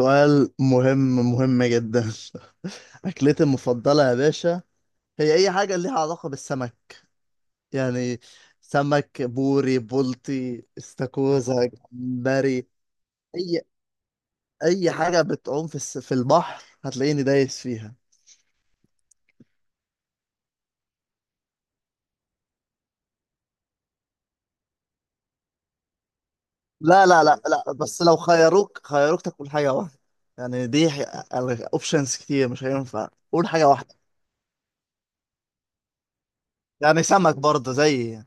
سؤال مهم. مهم جدا. أكلتي المفضلة يا باشا؟ هي أي حاجة ليها علاقة بالسمك. يعني سمك بوري، بولتي، استاكوزا، جمبري. أي أي حاجة بتعوم في في البحر هتلاقيني دايس فيها. لا لا لا، لا بس لو خيروك تاكل حاجة واحدة، يعني دي أوبشنز كتير، مش هينفع قول حاجة واحدة. يعني سمك برضه زي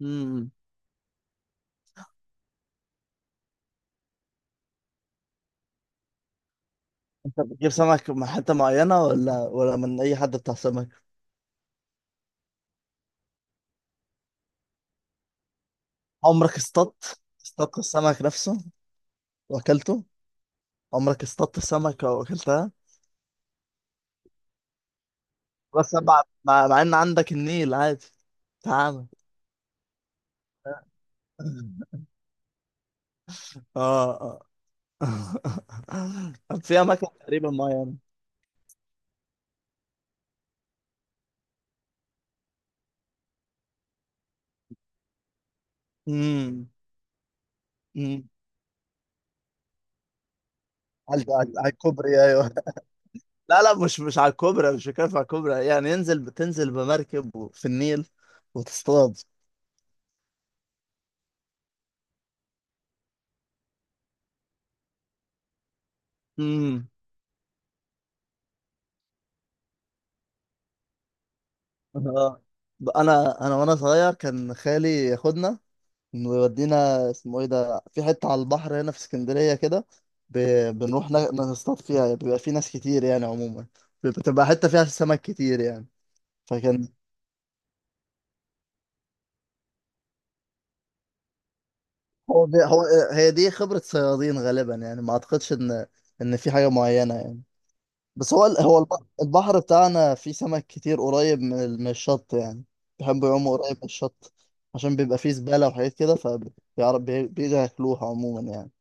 يعني، انت بتجيب سمك من حتة معينة ولا من أي حد بتاع سمك؟ عمرك اصطدت السمك نفسه وأكلته؟ عمرك اصطدت السمكة وأكلتها؟ بس مع مع إن عندك النيل عادي تعامل. اه اه. طب في أماكن تقريبا معينة. امم. امم. على على الكوبري أيوه. لا لا، مش على الكوبري، مش كيف على الكوبري، يعني ينزل بتنزل بمركب في النيل وتصطاد. آه. انا وانا صغير كان خالي ياخدنا ويودينا، اسمه ايه ده، في حته على البحر هنا في اسكندريه كده. ب... بنروح نصطاد فيها، بيبقى في ناس كتير يعني عموما، بتبقى حته فيها سمك كتير يعني. فكان، هو دي... هو هي دي خبره صيادين غالبا، يعني ما اعتقدش ان، ان في حاجه معينه يعني. بس هو البحر بتاعنا فيه سمك كتير قريب من من الشط يعني، بيحبوا يعوموا قريب من الشط عشان بيبقى فيه زبالة وحاجات كده، فبيعرف بيجوا ياكلوها عموما يعني.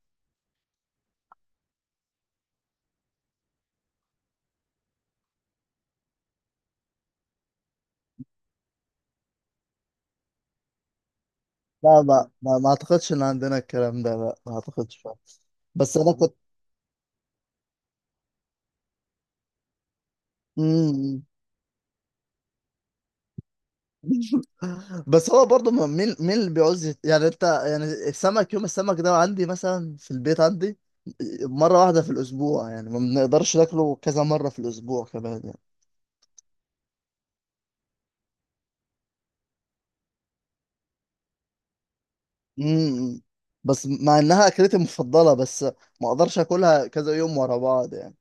لا ما اعتقدش ان عندنا الكلام ده، لا ما اعتقدش فعلا. بس انا كنت. مم. بس هو برضه مين اللي بيعوز يعني انت يعني السمك، يوم السمك ده عندي مثلا في البيت، عندي مرة واحدة في الأسبوع، يعني ما بنقدرش ناكله كذا مرة في الأسبوع كمان يعني. امم. بس مع انها اكلتي المفضله، بس ما اقدرش اكلها كذا يوم ورا بعض يعني.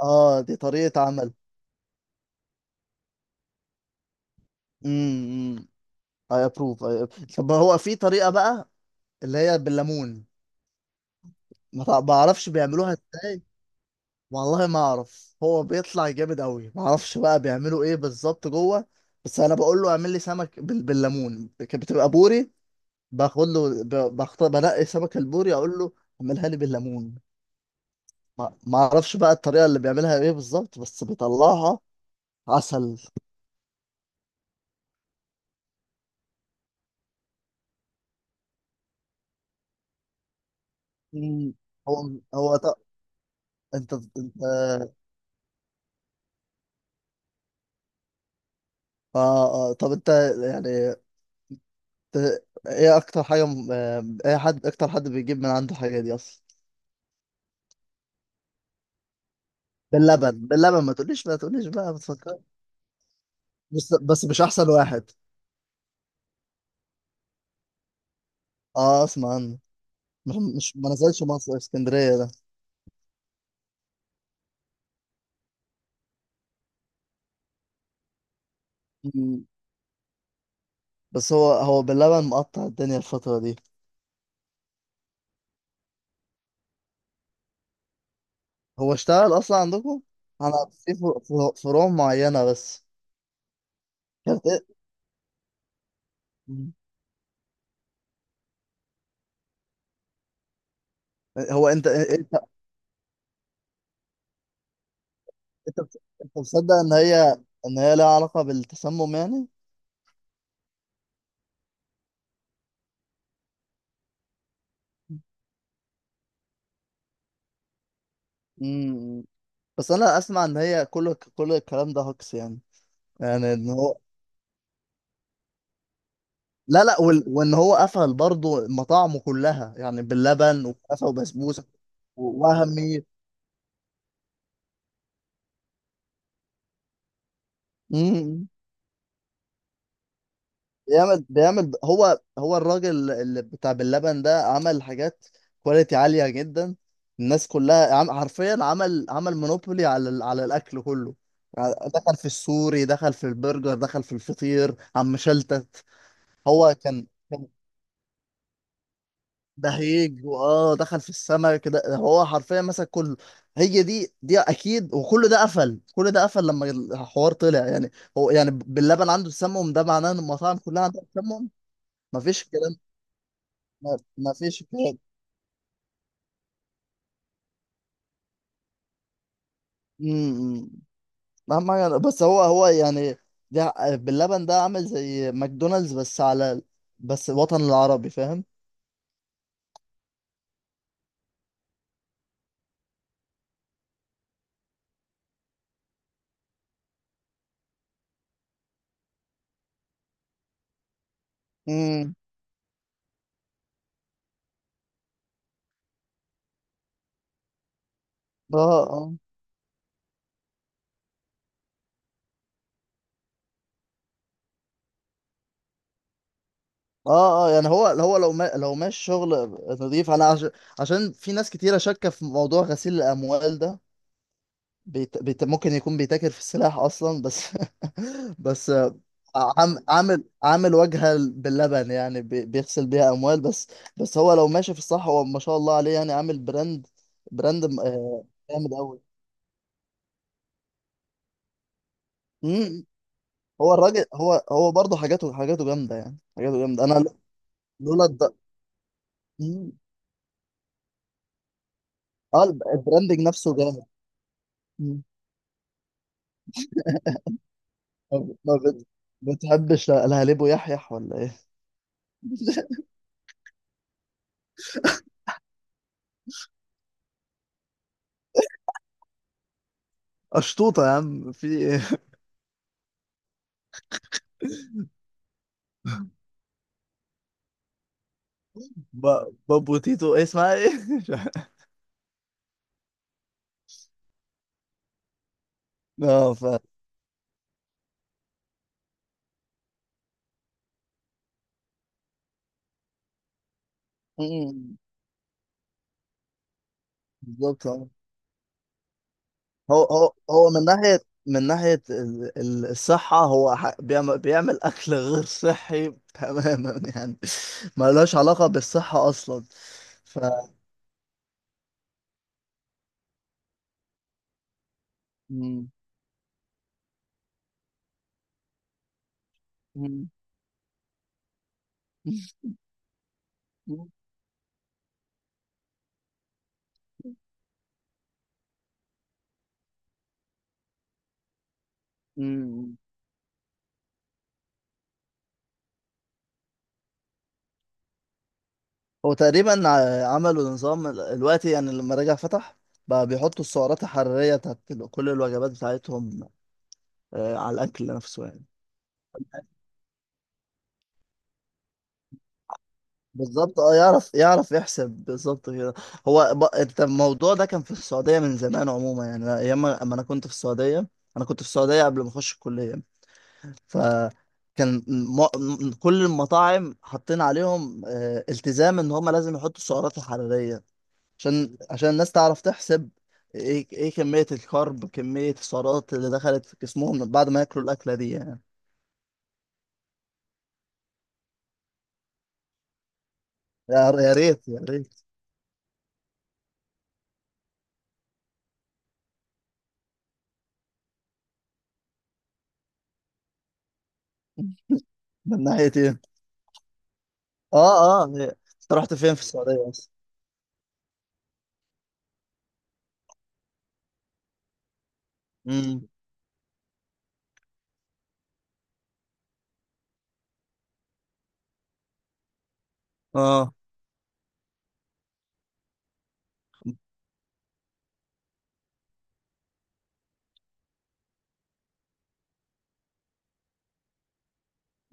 اه دي طريقه عمل. امم. اي ابروف، اي. طب هو في طريقه بقى اللي هي بالليمون، ما اعرفش بيعملوها ازاي. والله ما اعرف، هو بيطلع جامد قوي، ما اعرفش بقى بيعملوا ايه بالظبط جوه. بس انا بقول له اعمل لي سمك بالليمون، كانت بتبقى بوري. باخد له بنقي سمك البوري، اقول له اعملها لي بالليمون. ما اعرفش بقى الطريقه اللي بيعملها ايه بالظبط، بس بيطلعها عسل. مم. هو هو ط... انت انت، اه اه طب انت يعني ت... ايه اكتر حاجه ايه حد، اكتر حد بيجيب من عنده حاجه دي اصلا؟ باللبن، ما تقوليش، ما تقوليش بقى، بتفكر. بس مش احسن واحد. اه اسمع عنه. مش ما نزلش مصر، اسكندريه ده. مم. بس هو باللبن مقطع الدنيا الفتره دي. هو اشتغل اصلا عندكم؟ انا في فروع معينه بس. هو انت انت انت مصدق ان هي، ان هي لها علاقة بالتسمم يعني؟ امم. بس انا اسمع ان هي كل الكلام ده هوكس يعني، يعني ان هو. لا لا، وان هو قفل برضه مطاعمه كلها يعني باللبن وكنافه وبسبوسه ووهمي. بيعمل هو الراجل اللي بتاع باللبن ده عمل حاجات كواليتي عالية جدا، الناس كلها عم حرفيا، عمل مونوبولي على على الأكل كله. دخل في السوري، دخل في البرجر، دخل في الفطير، عم شلتت. هو كان بهيج، واه دخل في السمك ده، هو حرفيا مسك كله. هي دي اكيد، وكل ده قفل، كل ده قفل لما الحوار طلع يعني. هو يعني باللبن عنده السمم، ده معناه ان المطاعم كلها عندها السمم. مفيش كلام، ما فيش كده. امم. اهم حاجه، بس هو يعني ده باللبن ده عامل زي ماكدونالدز، بس على، بس الوطن العربي، فاهم. امم. اه اه. اه اه يعني هو لو ما لو ماشي شغل نظيف. انا عشان في ناس كتيره شاكه في موضوع غسيل الاموال ده، ممكن يكون بيتاجر في السلاح اصلا بس. بس عامل عامل وجهه باللبن يعني بيغسل بيها اموال بس. بس هو لو ماشي في الصح هو ما شاء الله عليه، يعني عامل براند، براند جامد قوي. مم. هو الراجل، هو برضه حاجاته جامده، يعني حاجاته جامده، انا. لولا الد... مم. اه البراندنج نفسه جامد. مم. ما ما بت... بتحبش الهليب ويحيح ولا ايه؟ قشطوطه يا عم، في ايه؟ ب... بابو تيتو، إيه اسمها ايه؟ مش عارف. اه ف. مم. بالظبط آه. هو من ناحية، من الصحة، هو بيعمل أكل غير صحي تماما يعني، ملوش علاقة بالصحة أصلا. ف. مم. مم. مم. مم. هو تقريبا عملوا نظام الوقت يعني، لما رجع فتح بقى بيحطوا السعرات الحرارية بتاعت كل الوجبات بتاعتهم، آه، على الأكل نفسه يعني. بالظبط اه، يعرف يحسب بالظبط كده. هو انت الموضوع ده كان في السعوديه من زمان عموما، يعني ايام ما، أما انا كنت في السعوديه، انا كنت في السعوديه قبل ما اخش الكليه، فكان كل المطاعم حاطين عليهم آه، التزام ان هم لازم يحطوا السعرات الحراريه، عشان الناس تعرف تحسب ايه، كميه الكارب، كميه السعرات اللي دخلت في جسمهم من بعد ما ياكلوا الاكله دي يعني. يا ريت، يا ريت. من ناحيه ايه؟ اه اه انت رحت فين في السعوديه؟ امم. اه.